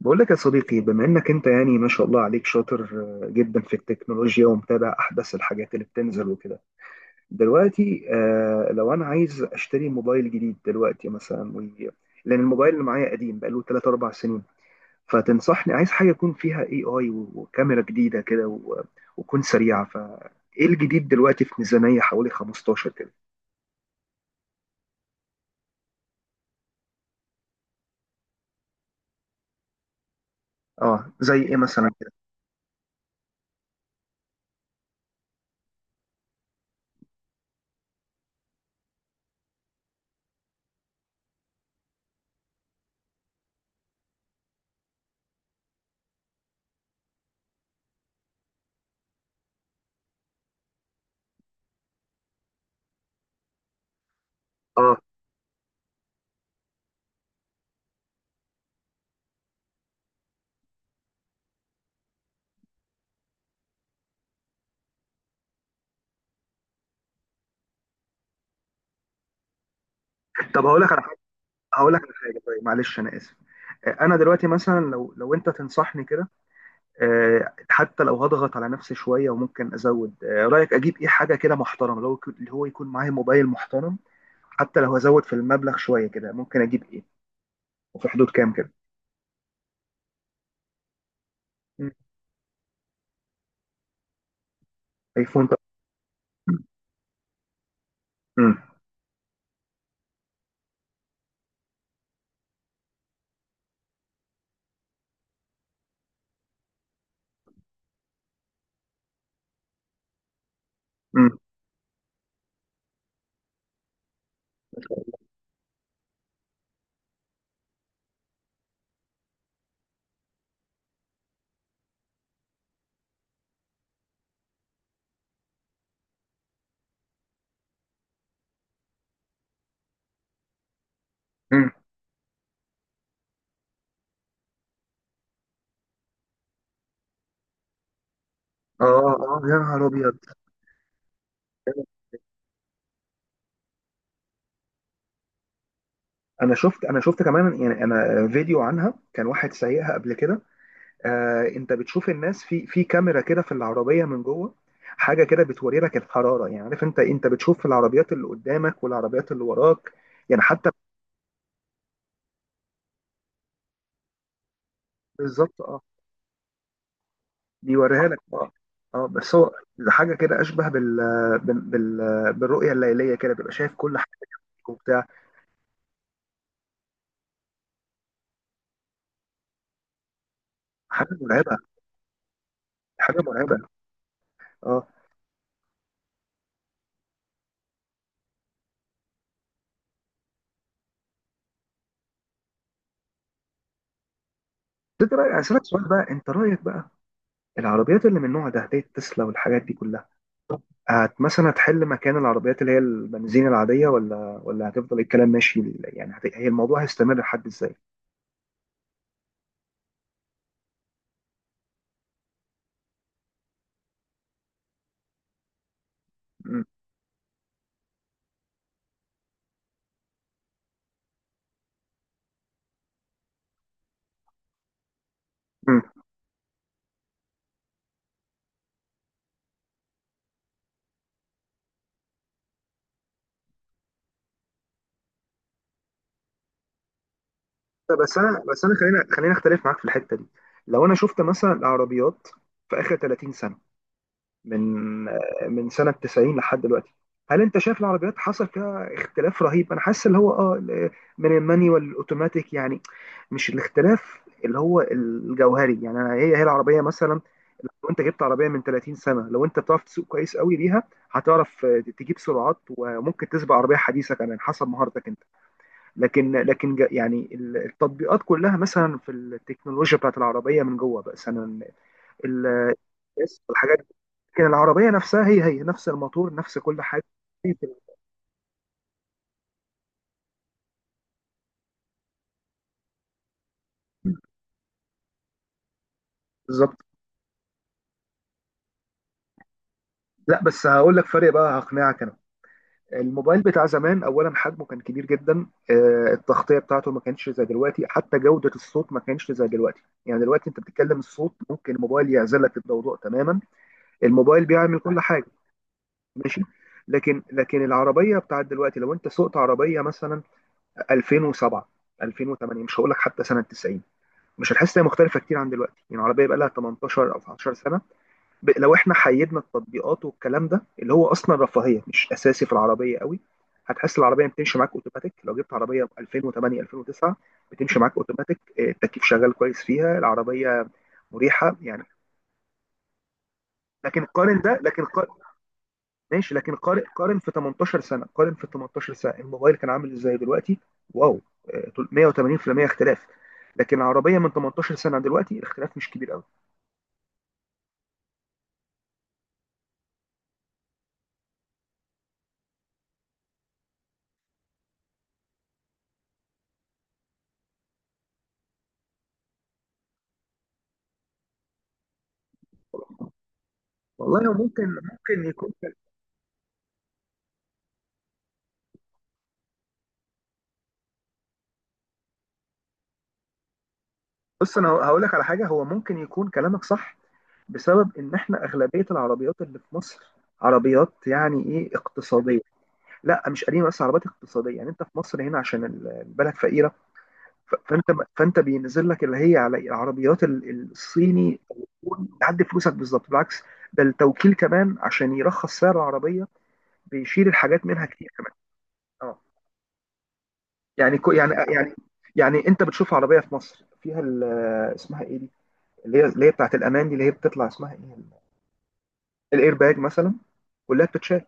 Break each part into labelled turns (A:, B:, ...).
A: بقول لك يا صديقي، بما انك انت يعني ما شاء الله عليك شاطر جدا في التكنولوجيا، ومتابع احدث الحاجات اللي بتنزل وكده دلوقتي. لو انا عايز اشتري موبايل جديد دلوقتي مثلا، لان الموبايل اللي معايا قديم بقاله 3 4 سنين. فتنصحني، عايز حاجه يكون فيها اي اي وكاميرا جديده كده وتكون سريعه، فايه الجديد دلوقتي في ميزانيه حوالي 15 كده؟ اه، زي ايه مثلا كده؟ اه. طب هقول لك على حاجه هقول لك على حاجه، طيب، معلش انا اسف. انا دلوقتي مثلا، لو انت تنصحني كده، حتى لو هضغط على نفسي شويه وممكن ازود، رايك اجيب ايه؟ حاجه كده محترمه، اللي هو يكون معايا موبايل محترم، حتى لو هزود في المبلغ شويه كده، ممكن اجيب ايه؟ وفي حدود كام كده؟ مم. ايفون، طب. امم. امم. اه. اه. يا نهار ابيض! انا شفت كمان يعني، انا فيديو عنها كان، واحد سايقها قبل كده. انت بتشوف الناس في كاميرا كده في العربيه من جوه، حاجه كده بتوري لك الحراره، يعني عارف انت بتشوف في العربيات اللي قدامك والعربيات اللي وراك، يعني حتى. بالظبط اه. بيوريها لك اه. اه بس هو حاجه كده اشبه بالرؤيه الليليه كده، بيبقى شايف كل حاجه وبتاع. حاجه مرعبه. حاجه مرعبه. اه. انت رايك اسالك سؤال بقى، انت رايك بقى، العربيات اللي من النوع ده زي التسلا والحاجات دي كلها، هت مثلا هتحل مكان العربيات اللي هي البنزين العادية؟ ولا هتفضل الكلام ماشي يعني، هي الموضوع هيستمر لحد ازاي؟ مم. مم. بس انا خلينا اختلف معاك في الحتة دي. لو انا شفت مثلا العربيات في اخر 30 سنة، من من سنة 90 لحد دلوقتي. هل انت شايف العربيات حصل فيها اختلاف رهيب؟ انا حاسس اللي هو اه من المانيوال الاوتوماتيك يعني، مش الاختلاف اللي هو الجوهري يعني. أنا، هي هي العربية مثلا، لو انت جبت عربية من 30 سنة، لو انت بتعرف تسوق كويس قوي بيها، هتعرف تجيب سرعات، وممكن تسبق عربية حديثة كمان حسب مهارتك انت. لكن يعني التطبيقات كلها مثلا في التكنولوجيا بتاعت العربية من جوه بقى مثلا ال- الحاجات، لكن العربية نفسها هي هي نفس الموتور، نفس كل حاجة. بالظبط. لا بس هقول لك فرق بقى، هقنعك انا. الموبايل بتاع زمان، اولا حجمه كان كبير جدا، التغطيه بتاعته ما كانتش زي دلوقتي، حتى جوده الصوت ما كانتش زي دلوقتي، يعني دلوقتي انت بتتكلم الصوت ممكن الموبايل يعزلك الضوضاء تماما. الموبايل بيعمل كل حاجه. ماشي. لكن العربيه بتاعت دلوقتي، لو انت سوقت عربيه مثلا 2007 2008، مش هقول لك حتى سنه 90، مش هتحس انها مختلفه كتير عن دلوقتي، يعني عربيه بقى لها 18 او 19 سنه. لو احنا حيدنا التطبيقات والكلام ده، اللي هو اصلا رفاهيه مش اساسي في العربيه قوي، هتحس العربيه بتمشي معاك اوتوماتيك. لو جبت عربيه 2008 2009 بتمشي معاك اوتوماتيك، التكييف شغال كويس فيها العربيه، مريحه يعني. لكن قارن. ماشي لكن قارن، قارن في 18 سنه، قارن في 18 سنه، الموبايل كان عامل ازاي دلوقتي؟ واو، 180% اختلاف. لكن العربيه من 18 سنه دلوقتي الاختلاف مش كبير قوي. والله ممكن. ممكن يكون. بص انا هقول لك على حاجه، هو ممكن يكون كلامك صح، بسبب ان احنا اغلبيه العربيات اللي في مصر عربيات يعني ايه، اقتصاديه. لا مش قديمه، بس عربيات اقتصاديه يعني. انت في مصر هنا عشان البلد فقيره، فانت، فانت بينزل لك اللي هي على العربيات الصيني، تكون تعدي فلوسك بالظبط، بالعكس. ده التوكيل كمان عشان يرخص سعر العربيه، بيشيل الحاجات منها كتير كمان. اه. يعني كو يعني يعني يعني انت بتشوف عربيه في مصر فيها اسمها ايه دي؟ اللي هي بتاعت الامان دي، اللي هي بتطلع اسمها ايه؟ الاير باج مثلا. كلها بتتشال.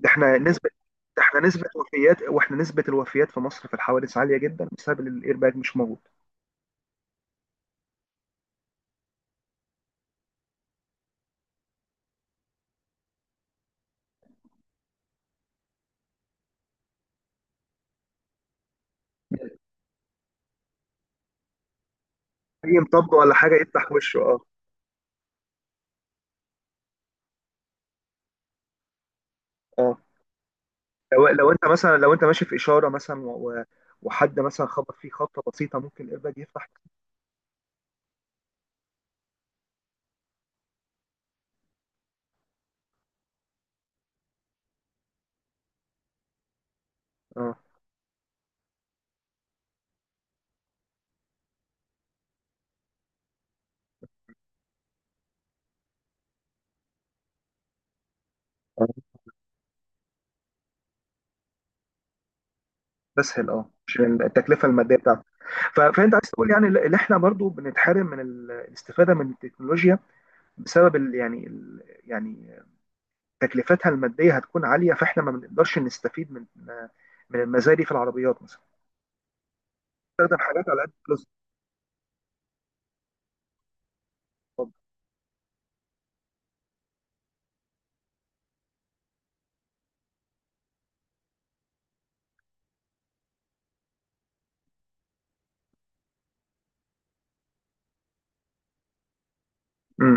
A: ده احنا نسبه ده احنا نسبه وفيات، واحنا نسبه الوفيات في مصر في الحوادث عاليه جدا بسبب ان الاير باج مش موجود. اي مطب ولا حاجه يفتح وشه اه. اه لو انت مثلا، لو انت ماشي في اشاره مثلا وحد مثلا خبط فيه خبطه بسيطه، ممكن الاير باج يفتح. اه. اه تسهل، اه عشان التكلفه الماديه بتاعته. فانت عايز تقول، يعني اللي احنا برضو بنتحرم من الاستفاده من التكنولوجيا بسبب يعني تكلفتها الماديه هتكون عاليه، فاحنا ما بنقدرش نستفيد من المزايا دي في العربيات مثلا. نستخدم حاجات على قد فلوس. امم.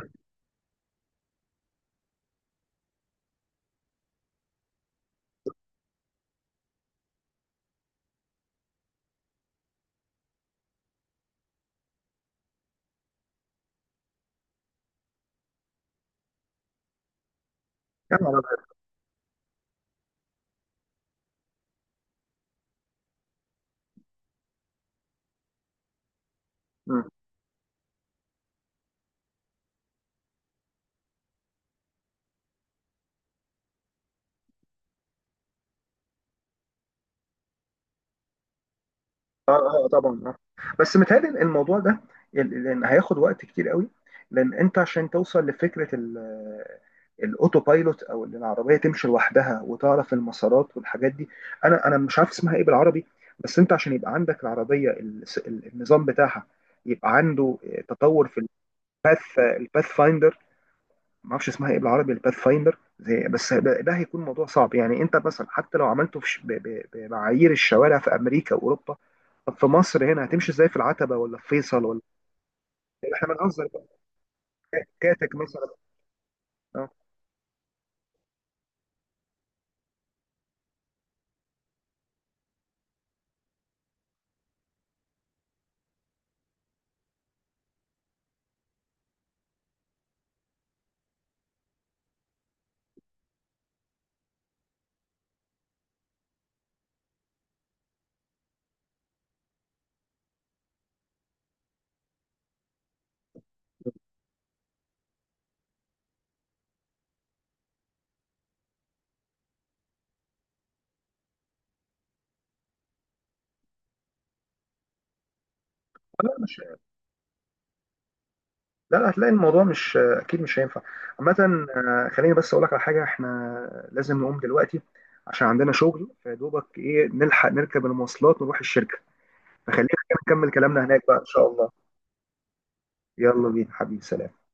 A: يا نهار أبيض. أمم. اه. اه. طبعا اه. بس متهيألي الموضوع ده لان هياخد وقت كتير قوي، لان انت عشان توصل لفكره الاوتو بايلوت، او ان العربيه تمشي لوحدها وتعرف المسارات والحاجات دي، انا مش عارف اسمها ايه بالعربي. بس انت عشان يبقى عندك العربيه النظام بتاعها، يبقى عنده تطور في الباث فايندر. ما اعرفش اسمها ايه بالعربي. الباث فايندر زي، بس ده هيكون موضوع صعب يعني، انت مثلا حتى لو عملته في بمعايير الشوارع في امريكا واوروبا، طب في مصر هنا هتمشي ازاي؟ في العتبه، ولا في فيصل، ولا احنا بنهزر بقى، كاتك مثلا؟ اه. لا مش لا هتلاقي الموضوع مش، اكيد مش هينفع عامه. خليني بس اقول لك على حاجه، احنا لازم نقوم دلوقتي عشان عندنا شغل، فيدوبك ايه نلحق نركب المواصلات ونروح الشركه. فخلينا نكمل كلامنا هناك بقى ان شاء الله. يلا بينا حبيبي، سلام.